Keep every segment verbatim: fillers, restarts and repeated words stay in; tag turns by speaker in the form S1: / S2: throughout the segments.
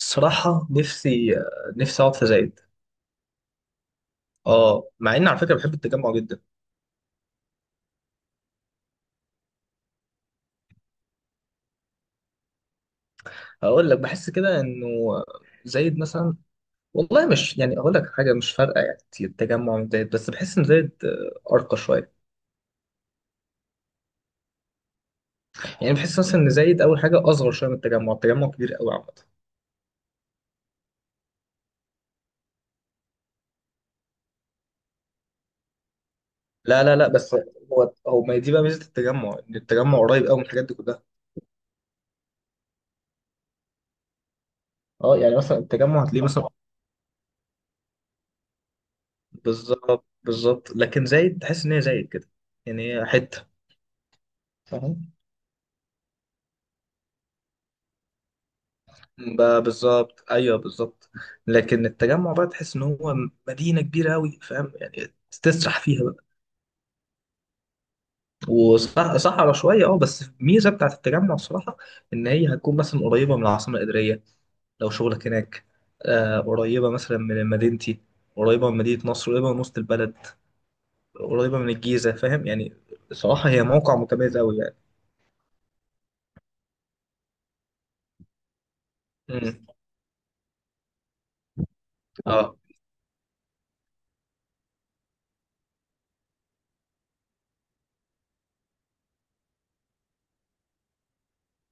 S1: الصراحة، نفسي نفسي أقعد في زايد. أه، مع إن على فكرة بحب التجمع جدا. هقول لك، بحس كده إنه زايد مثلا، والله مش يعني أقول لك حاجة مش فارقة يعني كتير التجمع من زايد، بس بحس إن زايد آه، أرقى شوية. يعني بحس مثلا إن زايد أول حاجة أصغر شوية من التجمع. التجمع كبير قوي عامة. لا، لا، لا، بس. هو هو ما دي بقى ميزة التجمع، إن التجمع قريب قوي من الحاجات دي كلها. أه، يعني مثلا التجمع هتلاقيه مثلا. بالظبط، بالظبط، لكن زايد تحس إن هي زايد كده. يعني هي حتة، فاهم. بقى بالظبط، ايوه، بالظبط. لكن التجمع بقى تحس ان هو مدينه كبيره قوي، فاهم يعني، تسرح فيها بقى. وصحرا شويه، اه، بس الميزه بتاعت التجمع الصراحه، ان هي هتكون مثلا قريبه من العاصمه الاداريه لو شغلك هناك. آه قريبه مثلا من مدينتي، قريبه من مدينه نصر، قريبه من وسط البلد، قريبه من الجيزه، فاهم يعني. صراحه هي موقع متميز قوي يعني. امم اه،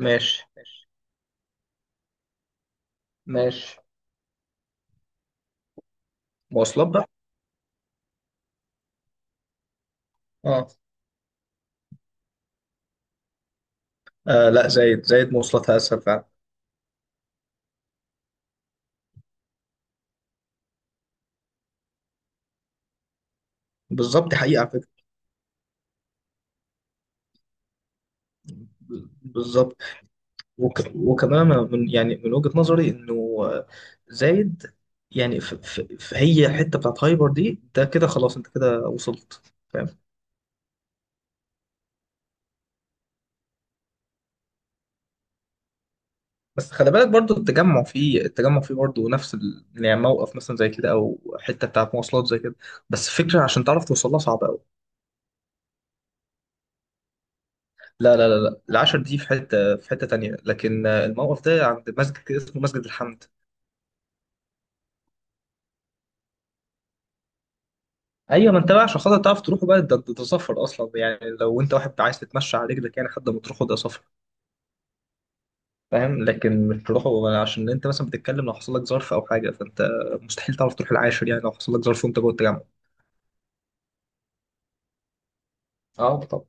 S1: ماشي، ماشي، مواصلات بقى، اه، آه، لا، زايد زايد مواصلاتها اسهل فعلا. بالظبط، دي حقيقة على فكرة، بالظبط. وك... وكمان أنا من يعني من وجهة نظري إنه، آه، زايد، يعني في, في... في هي الحتة بتاعت هايبر دي، ده كده خلاص أنت كده وصلت. فاهم. بس خلي بالك برضو التجمع فيه التجمع فيه برضو نفس ال... يعني موقف مثلا زي كده أو حتة بتاعت مواصلات زي كده. بس فكرة عشان تعرف توصلها صعبة أوي. لا، لا، لا، لا، العشر دي في حتة في حتة تانية. لكن آه، الموقف ده عند مسجد كده اسمه مسجد الحمد. ايوه، ما انت بقى عشان خاطر تعرف تروحه بقى ده ده ده سفر اصلا يعني، لو انت واحد عايز تتمشى على رجلك يعني لحد ما تروحه، ده سفر. فاهم، لكن مش تروحه. عشان انت مثلا بتتكلم، لو حصل لك ظرف او حاجه فانت مستحيل تعرف تروح العاشر يعني، لو حصل لك ظرف وانت جوه التجمع. اه، طب.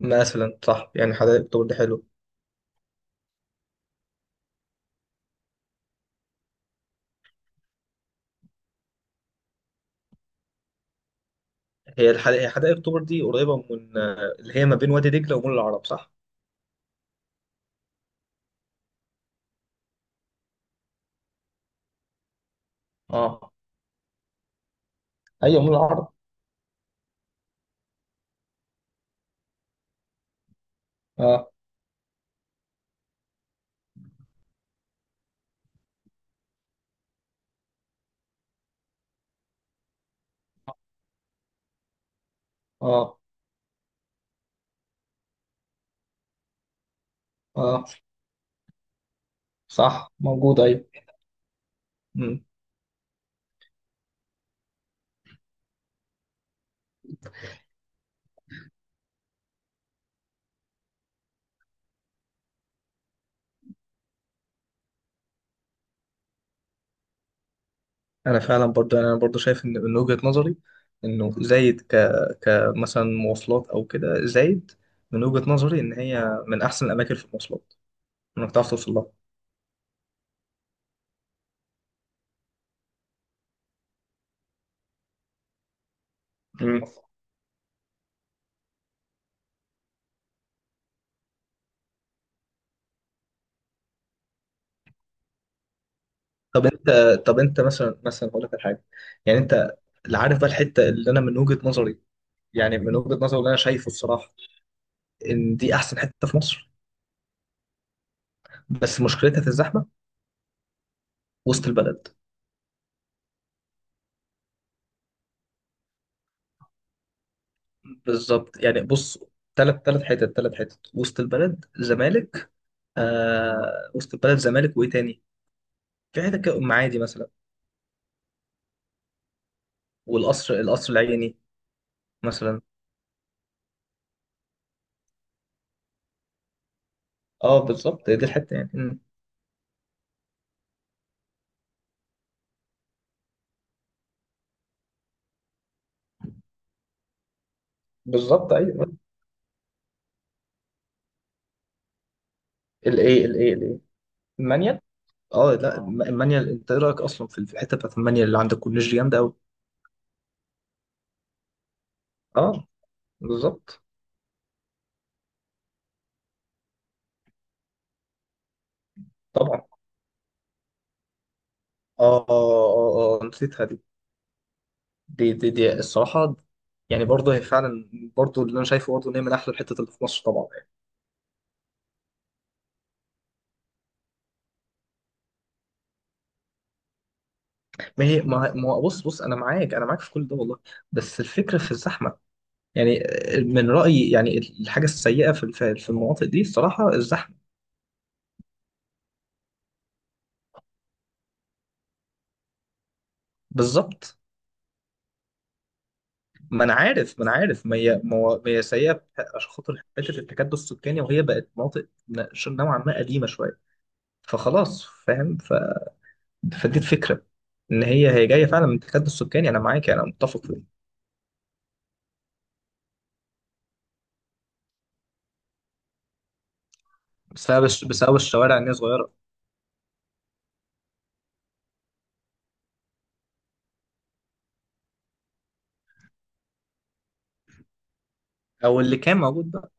S1: مثلا، صح يعني، حدائق اكتوبر دي حلو. هي الحدائق هي حدائق اكتوبر دي قريبه من آه، اللي هي ما بين وادي دجله ومول العرب، صح؟ اه. ايوه، مول العرب. اه، اه، اه. صح، موجود. ايوه. انا فعلا برضو يعني، انا برضو شايف ان من وجهة نظري انه زايد، ك كمثلا مواصلات او كده زايد، من وجهة نظري ان هي من احسن الاماكن في المواصلات، انك تعرف توصل لها. مم. طب انت طب انت مثلا مثلا هقول لك على حاجه. يعني انت اللي عارف بقى الحته، اللي انا من وجهه نظري يعني من وجهه نظري اللي انا شايفه الصراحه، ان دي احسن حته في مصر. بس مشكلتها في الزحمه. وسط البلد. بالظبط، يعني، بص. ثلاث ثلاث حتت ثلاث حتت، وسط البلد، زمالك. آه، وسط البلد، زمالك، وايه تاني؟ في حتة كده، أم عادي مثلا. والقصر القصر العيني مثلا. اه، بالظبط، دي الحتة يعني مم. بالظبط، أيوه. الإيه؟ الإيه؟ الإيه؟ المانيال. اه، لا، الم- المانيال. أنت إيه رأيك أصلا في في الحتة بتاعت المانيال اللي عند الكورنيش دي؟ جامدة أوي. اه، بالظبط. طبعا. اه، اه، اه، آه، نسيتها دي. دي دي, دي الصراحة. يعني برضه هي فعلا، برضه اللي انا شايفه، برضه ان هي من احلى الحتت اللي في مصر طبعا يعني. ما هي ما ما- بص، بص، انا معاك، انا معاك، في كل ده والله. بس الفكره في الزحمه. يعني. من رأيي يعني، الحاجة السيئة في الف- في المناطق دي الصراحة الزحمة. بالظبط. ما انا عارف ما انا عارف. ما هي، ما هو- ما هي سيئة في- عشان خاطر حتة التكدس السكاني، وهي بقت مناطق ن- نوعا ما قديمة شوية. فخلاص، فاهم، ف... فدي الفكرة. ان هي هي جاية فعلا من التكدس السكاني، انا معاك، انا متفق فيه. بسبب الش- بسبب الشوارع ان هي صغيرة. او اللي كان موجود بقى.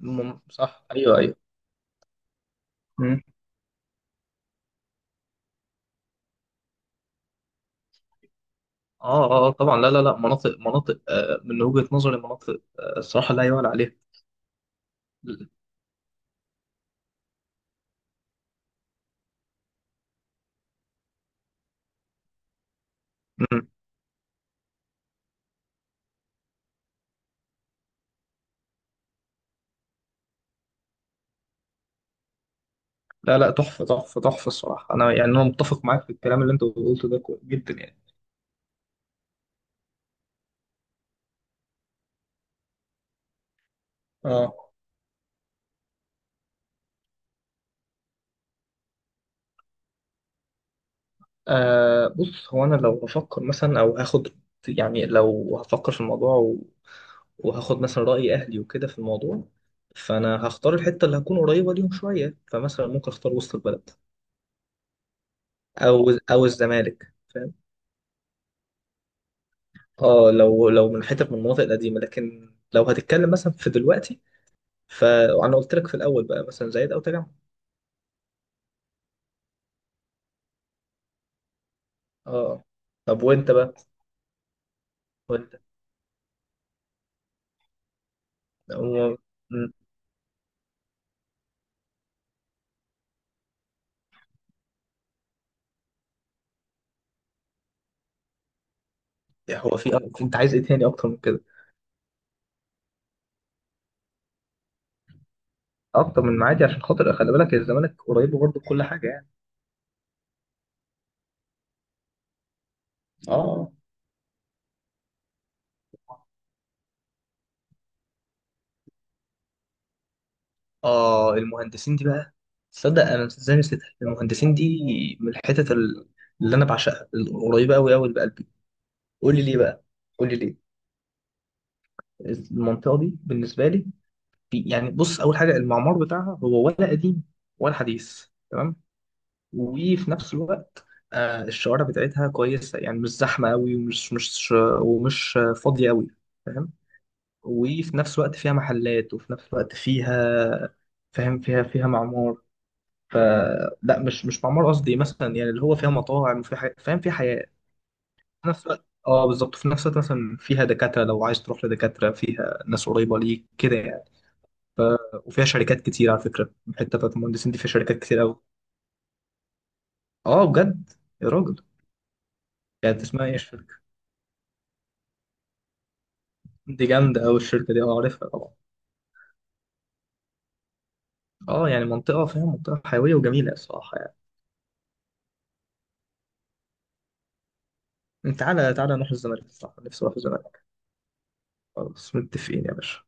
S1: مم، صح، ايوه، ايوه. مم. اه، اه، آه، طبعا، لا، لا، لا، مناطق مناطق، آه، من وجهة نظري مناطق، آه، الصراحة لا يعلى عليها. مم. لا، لا، تحفة، تحفة، تحفة الصراحة. أنا يعني أنا متفق معاك في الكلام اللي أنت قلته ده كو- جدا يعني. آه. آه، بص، هو أنا لو هفكر مثلا أو هاخد يعني، لو هفكر في الموضوع و... وهاخد مثلا رأي أهلي وكده في الموضوع. فأنا هختار الحتة اللي هكون قريبة ليهم شوية، فمثلا ممكن أختار وسط البلد. أو أو الزمالك، فاهم. آه، لو لو من حتت من المناطق القديمة، لكن لو هتتكلم مثلا في دلوقتي. فأنا قلت لك في الأول بقى، مثلا زايد أو تجمع. آه، طب وأنت بقى؟ وانت هو مم. هو في أك- انت عايز ايه تاني اكتر من كده؟ اكتر من معادي، عشان خاطر خلي بالك الزمالك قريبه برضه بكل حاجه يعني. اه، اه، المهندسين دي بقى. تصدق انا ازاي نسيتها؟ المهندسين دي من الحتت ال- اللي انا بعشقها، القريبه قوي قوي لقلبي. قول لي ليه بقى. قول لي ليه. المنطقه دي بالنسبه لي، في يعني بص، اول حاجه المعمار بتاعها هو ولا قديم ولا حديث، تمام. وفي نفس الوقت، آه، الشوارع بتاعتها كويسة، يعني مش زحمة قوي ومش مش ومش فاضية قوي. فاهم. وفي نفس الوقت فيها محلات، وفي نفس الوقت فيها. فاهم، فيها فيها معمار. ف لا، مش مش معمار قصدي، مثلا يعني اللي هو فيها مطاعم وفيها حي... فاهم، فيها حياة. في نفس الوقت، اه، بالظبط، في نفس الوقت مثلا فيها دكاترة، لو عايز تروح لدكاترة فيها ناس قريبة ليك كده يعني. ف... وفيها شركات كتير، على فكرة الحتة بتاعت المهندسين دي فيها شركات كتير قوي. اه، بجد؟ يا راجل. يعني اسمها ايه؟ دي جامدة أوي الشركة دي، أه عارفها طبعا. أه، يعني منطقة، فاهم، منطقة حيوية وجميلة الصراحة. يعني تعالى، تعالى، نروح الزمالك، الصراحة نفسي أروح الزمالك. خلاص، متفقين يا باشا.